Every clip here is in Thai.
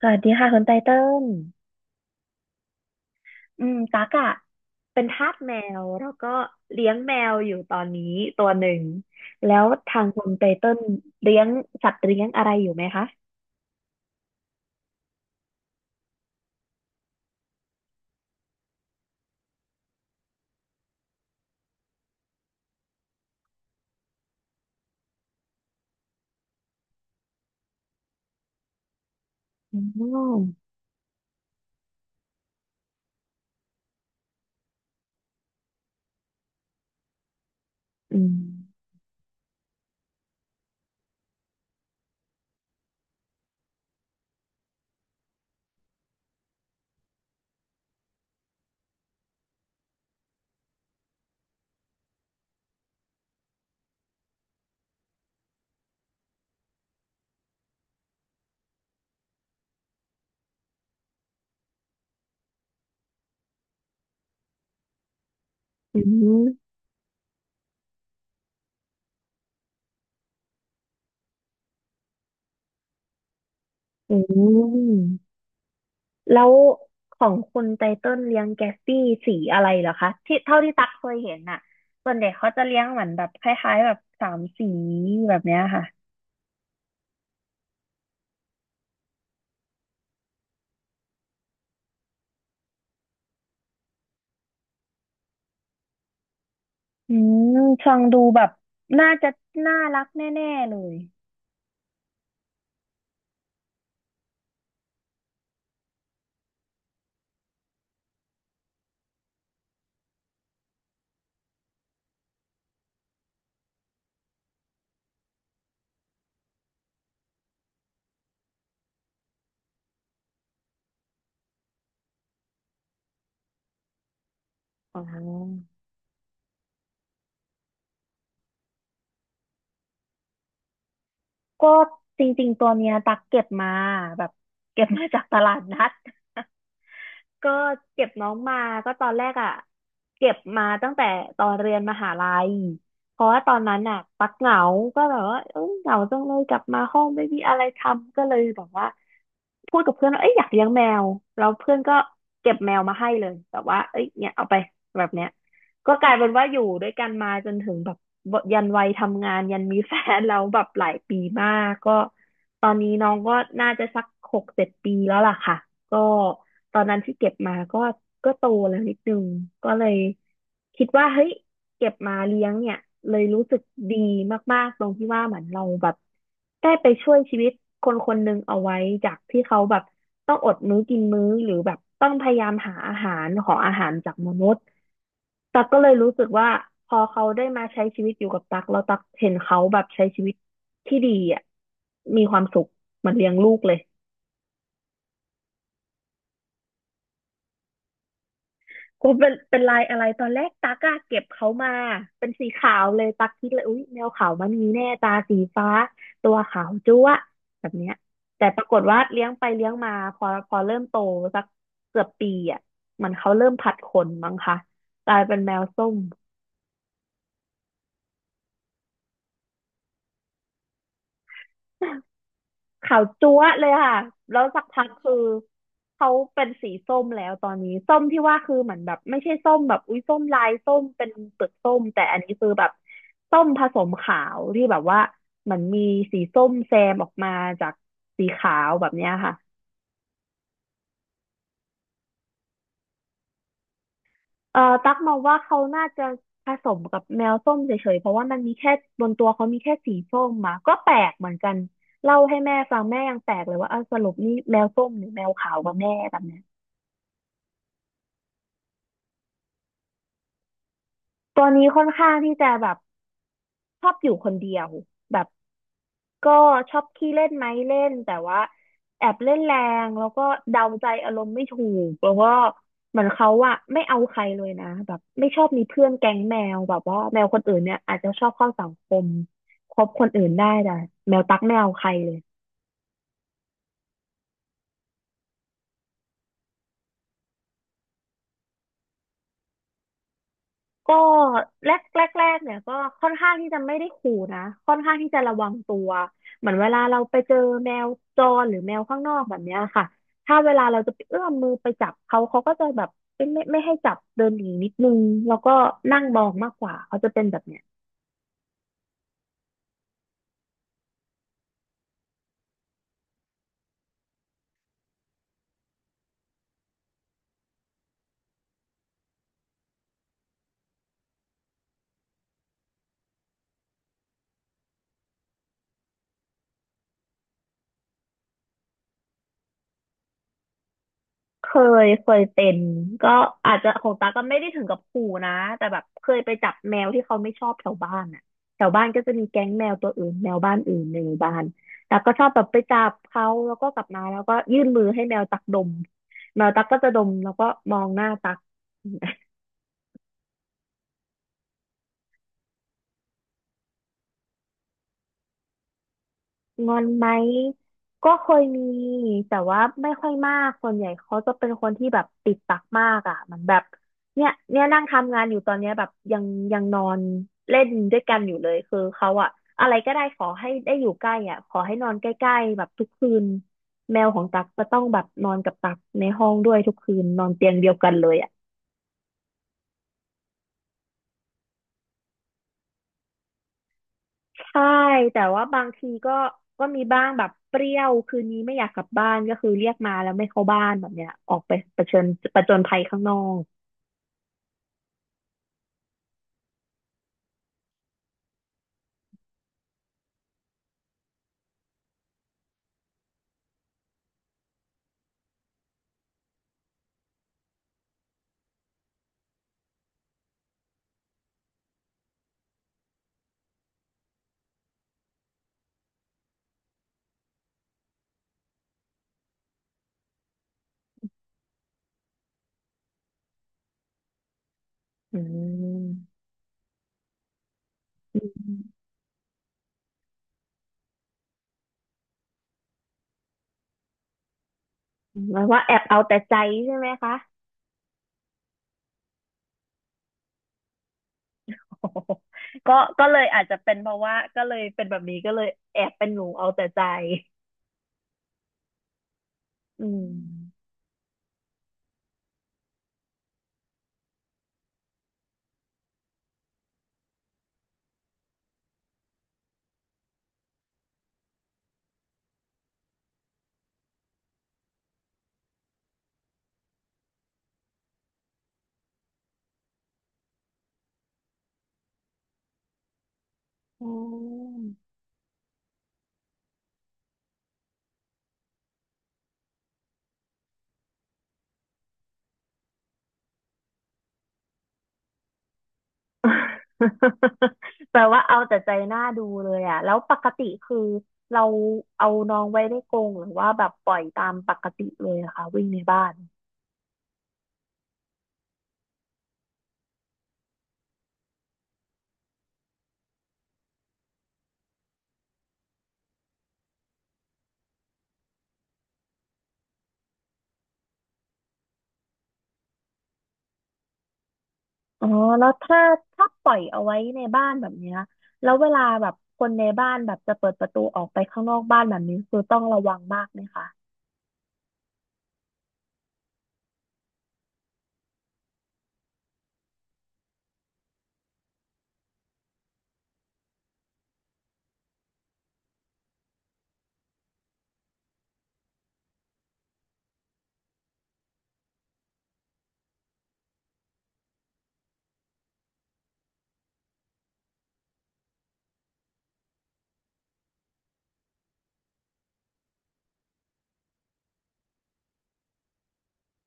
สวัสดีค่ะคุณไตเติ้ลอืมตักอะเป็นทาสแมวแล้วก็เลี้ยงแมวอยู่ตอนนี้ตัวหนึ่งแล้วทางคุณไตเติ้ลเลี้ยงสัตว์เลี้ยงอะไรอยู่ไหมคะอ๋ออืมอืมอืมแล้วของคุณไตเติ้ลเลี้ยงแกสปี้สีอะไรเหรอคะที่เท่าที่ตักเคยเห็นน่ะส่วนเด็กเขาจะเลี้ยงเหมือนแบบคล้ายๆแบบสามสีแบบเนี้ยค่ะอืมฟังดูแบบน่าจะน่ารักแน่ๆเลย อ๋อก็จริงๆตัวเนี้ยตักเก็บมาแบบเก็บมาจากตลาดนัด ก็เก็บน้องมาก็ตอนแรกอ่ะเก็บมาตั้งแต่ตอนเรียนมหาลัยเพราะว่าตอนนั้นอ่ะตักเหงาก็แบบว่าเอ้ยเหงาจังเลยกลับมาห้องไม่มีอะไรทำก็เลยแบบว่าพูดกับเพื่อนว่าเอ้ยอยากเลี้ยงแมวแล้วเพื่อนก็เก็บแมวมาให้เลยแบบว่าเอ้ยเนี่ยเอาไปแบบเนี้ย ก็กลายเป็นว่าอยู่ด้วยกันมาจนถึงแบบยันวัยทำงานยันมีแฟนแล้วแบบหลายปีมากก็ตอนนี้น้องก็น่าจะสักหกเจ็ดปีแล้วล่ะค่ะก็ตอนนั้นที่เก็บมาก็โตแล้วนิดนึงก็เลยคิดว่าเฮ้ยเก็บมาเลี้ยงเนี่ยเลยรู้สึกดีมากๆตรงที่ว่าเหมือนเราแบบได้ไปช่วยชีวิตคนคนหนึ่งเอาไว้จากที่เขาแบบต้องอดมื้อกินมื้อหรือแบบต้องพยายามหาอาหารขออาหารจากมนุษย์ ตักก็เลยรู้สึกว่าพอเขาได้มาใช้ชีวิตอยู่กับตักแล้วตักเห็นเขาแบบใช้ชีวิตที่ดีอ่ะมีความสุขเหมือนเลี้ยงลูกเลยก็เป็นลายอะไรตอนแรกตักอะเก็บเขามาเป็นสีขาวเลยตักคิดเลยอุ๊ยแมวขาวมันมีแน่ตาสีฟ้าตัวขาวจั๊วะแบบเนี้ยแต่ปรากฏว่าเลี้ยงไปเลี้ยงมาพอเริ่มโตสักเกือบปีอ่ะเหมันเขาเริ่มผัดขนมั้งคะกลายเป็นแมวส้ม ขาวจั๊วะเลยค่ะ แล้วสักพักคือเขาเป็นสีส้มแล้วตอนนี้ส้มที่ว่าคือเหมือนแบบไม่ใช่ส้มแบบอุ้ยส้มลายส้มเป็นเปลือกส้มแต่อันนี้คือแบบส้มผสมขาวที่แบบว่าเหมือนมีสีส้มแซมออกมาจากสีขาวแบบเนี้ยค่ะตักมองว่าเขาน่าจะผสมกับแมวส้มเฉยๆเพราะว่ามันมีแค่บนตัวเขามีแค่สีส้มมาก็แปลกเหมือนกันเล่าให้แม่ฟังแม่ยังแปลกเลยว่าเอ้าสรุปนี่แมวส้มหรือแมวขาวกันแน่แบบเนี้ย ตัวนี้ค่อนข้างที่จะแบบชอบอยู่คนเดียวแบบก็ชอบขี้เล่นไหมเล่นแต่ว่าแอบเล่นแรงแล้วก็เดาใจอารมณ์ไม่ถูกแล้วก็เหมือนเขาอะไม่เอาใครเลยนะแบบไม่ชอบมีเพื่อนแก๊งแมวแบบว่าแมวคนอื่นเนี่ยอาจจะชอบเข้าสังคมคบคนอื่นได้แต่แมวตั๊กไม่เอาใครเลย ก็แรกแรกเนี่ยก็ค่อนข้างที่จะไม่ได้ขู่นะค่อนข้างที่จะระวังตัวเหมือนเวลาเราไปเจอแมวจรหรือแมวข้างนอกแบบเนี้ยค่ะถ้าเวลาเราจะไปเอื้อมมือไปจับเขาเขาก็จะแบบไม่ให้จับเดินหนีนิดนึงแล้วก็นั่งมองมากกว่าเขาจะเป็นแบบเนี้ย เคเคยเป็นก็อาจจะของตาก็ไม่ได้ถึงกับขู่นะแต่แบบเคยไปจับแมวที่เขาไม่ชอบแถวบ้านอ่ะแถวบ้านก็จะมีแก๊งแมวตัวอื่นแมวบ้านอื่นในหมู่บ้านต่ก็ชอบแบบไปจับเขาแล้วก็กลับมาแล้วก็ยื่นมือให้แมวตักดมแมวตักก็จะดมแล้วก็มองหน้าตัก งอนไหมก็เคยมีแต่ว่าไม่ค่อยมากส่วนใหญ่เขาจะเป็นคนที่แบบติดปากมากอ่ะเหมันแบบเนี่ยเนี่ยนั่งทำงานอยู่ตอนเนี้ยแบบยังนอนเล่นด้วยกันอยู่เลยคือเขาอะอะไรก็ได้ขอให้ได้อยู่ใกล้อ่ะขอให้นอนใกล้ๆแบบทุกคืนแมวของตั๊กจะต้องแบบนอนกับตั๊กในห้องด้วยทุกคืนนอนเตียงเดียวกันเลยอ่ะ ใช่แต่ว่าบางทีก็มีบ้างแบบเปรี้ยวคืนนี้ไม่อยากกลับบ้านก็คือเรียกมาแล้วไม่เข้าบ้านแบบเนี้ยออกไปประชิญประจนภัยข้างนอกอืมอืมหมายว่าแอบเอาแต่ใจใช่ไหมคะโอ้โห ก็ก็เลยอาจจะเป็นเพราะว่าก็เลยเป็นแบบนี้ก็เลยแอบเป็นหนูเอาแต่ใจอืมอ๋อ แปลว่าเอาแต่ใจหน้าดูเลยอ่ะแล้วปกติคือเราเอาน้องไว้ในกรงหรือว่าแบบปล่อยตามปกติเลยนะคะวิ่งในบ้านอ๋อแล้วถ้าปล่อยเอาไว้ในบ้านแบบเนี้ยแล้วเวลาแบบคนในบ้านแบบจะเปิดประตูออกไปข้างนอกบ้านแบบนี้คือต้องระวังมากไหมคะ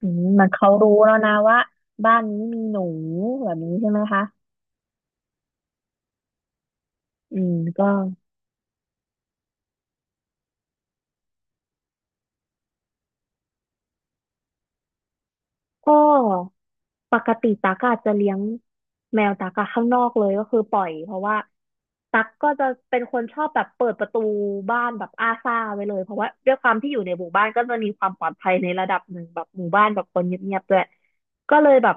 อืมมันเขารู้แล้วนะว่าบ้านนี้มีหนูแบบนี้ใช่ไหมคะอืมก็ ก็ปกติตั๊กอาจจะเลี้ยงแมวตั๊กอะข้างนอกเลยก็คือปล่อยเพราะว่าตั๊กก็จะเป็นคนชอบแบบเปิดประตูบ้านแบบอ้าซ่าไว้เลยเพราะว่าด้วยความที่อยู่ในหมู่บ้านก็จะมีความปลอดภัยในระดับหนึ่งแบบหมู่บ้านแบบคนเงียบๆด้วย ก็เลยแบบ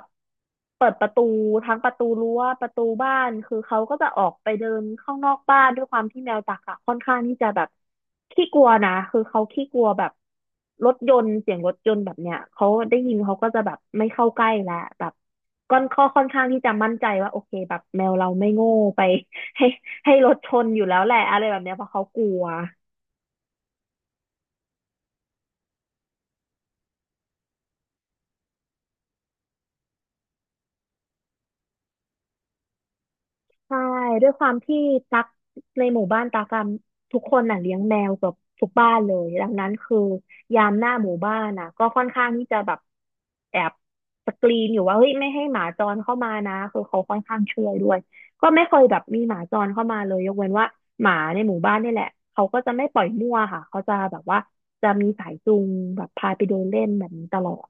เปิดประตูทั้งประตูรั้วประตูบ้านคือเขาก็จะออกไปเดินข้างนอกบ้านด้วยความที่แมวจักอะค่อนข้างที่จะแบบขี้กลัวนะคือเขาขี้กลัวแบบรถยนต์เสียงรถยนต์แบบเนี้ยเขาได้ยินเขาก็จะแบบไม่เข้าใกล้แล้วแบบก้อนข้อค่อนข้างที่จะมั่นใจว่าโอเคแบบแมวเราไม่โง่ไป ให้ให้รถชนอยู่แล้วแหละอะไรแบบเนี้ยเพราะเขากลัว ใช่ด้วยความที่ตักในหมู่บ้านตักอะทุกคนน่ะเลี้ยงแมวเกับทุกบ้านเลยดังนั้นคือยามหน้าหมู่บ้านน่ะก็ค่อนข้างที่จะแบบแอบสกรีนอยู่ว่าเฮ้ยไม่ให้หมาจรเข้ามานะคือเขาค่อนข้างช่วยด้วยก็ไม่เคยแบบมีหมาจรเข้ามาเลยยกเว้นว่าหมาในหมู่บ้านนี่แหละเขาก็จะไม่ปล่อยมั่วค่ะเขาจะแบบว่าจะมีสายจูงแบบพาไปเดินเล่นแบบนี้ตลอด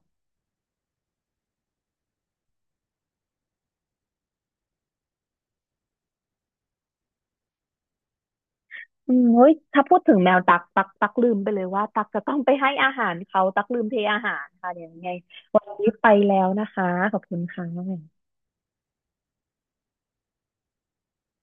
อืมเฮ้ย ถ้าพูดถึงแมวตัก ตักลืมไปเลยว่าตักจะต้องไปให้อาหารเขาตักลืมเทอาหารค่ะเดี๋ยวยังไงวันนี้ไปแล้วนะคะขอบคุณค่ะ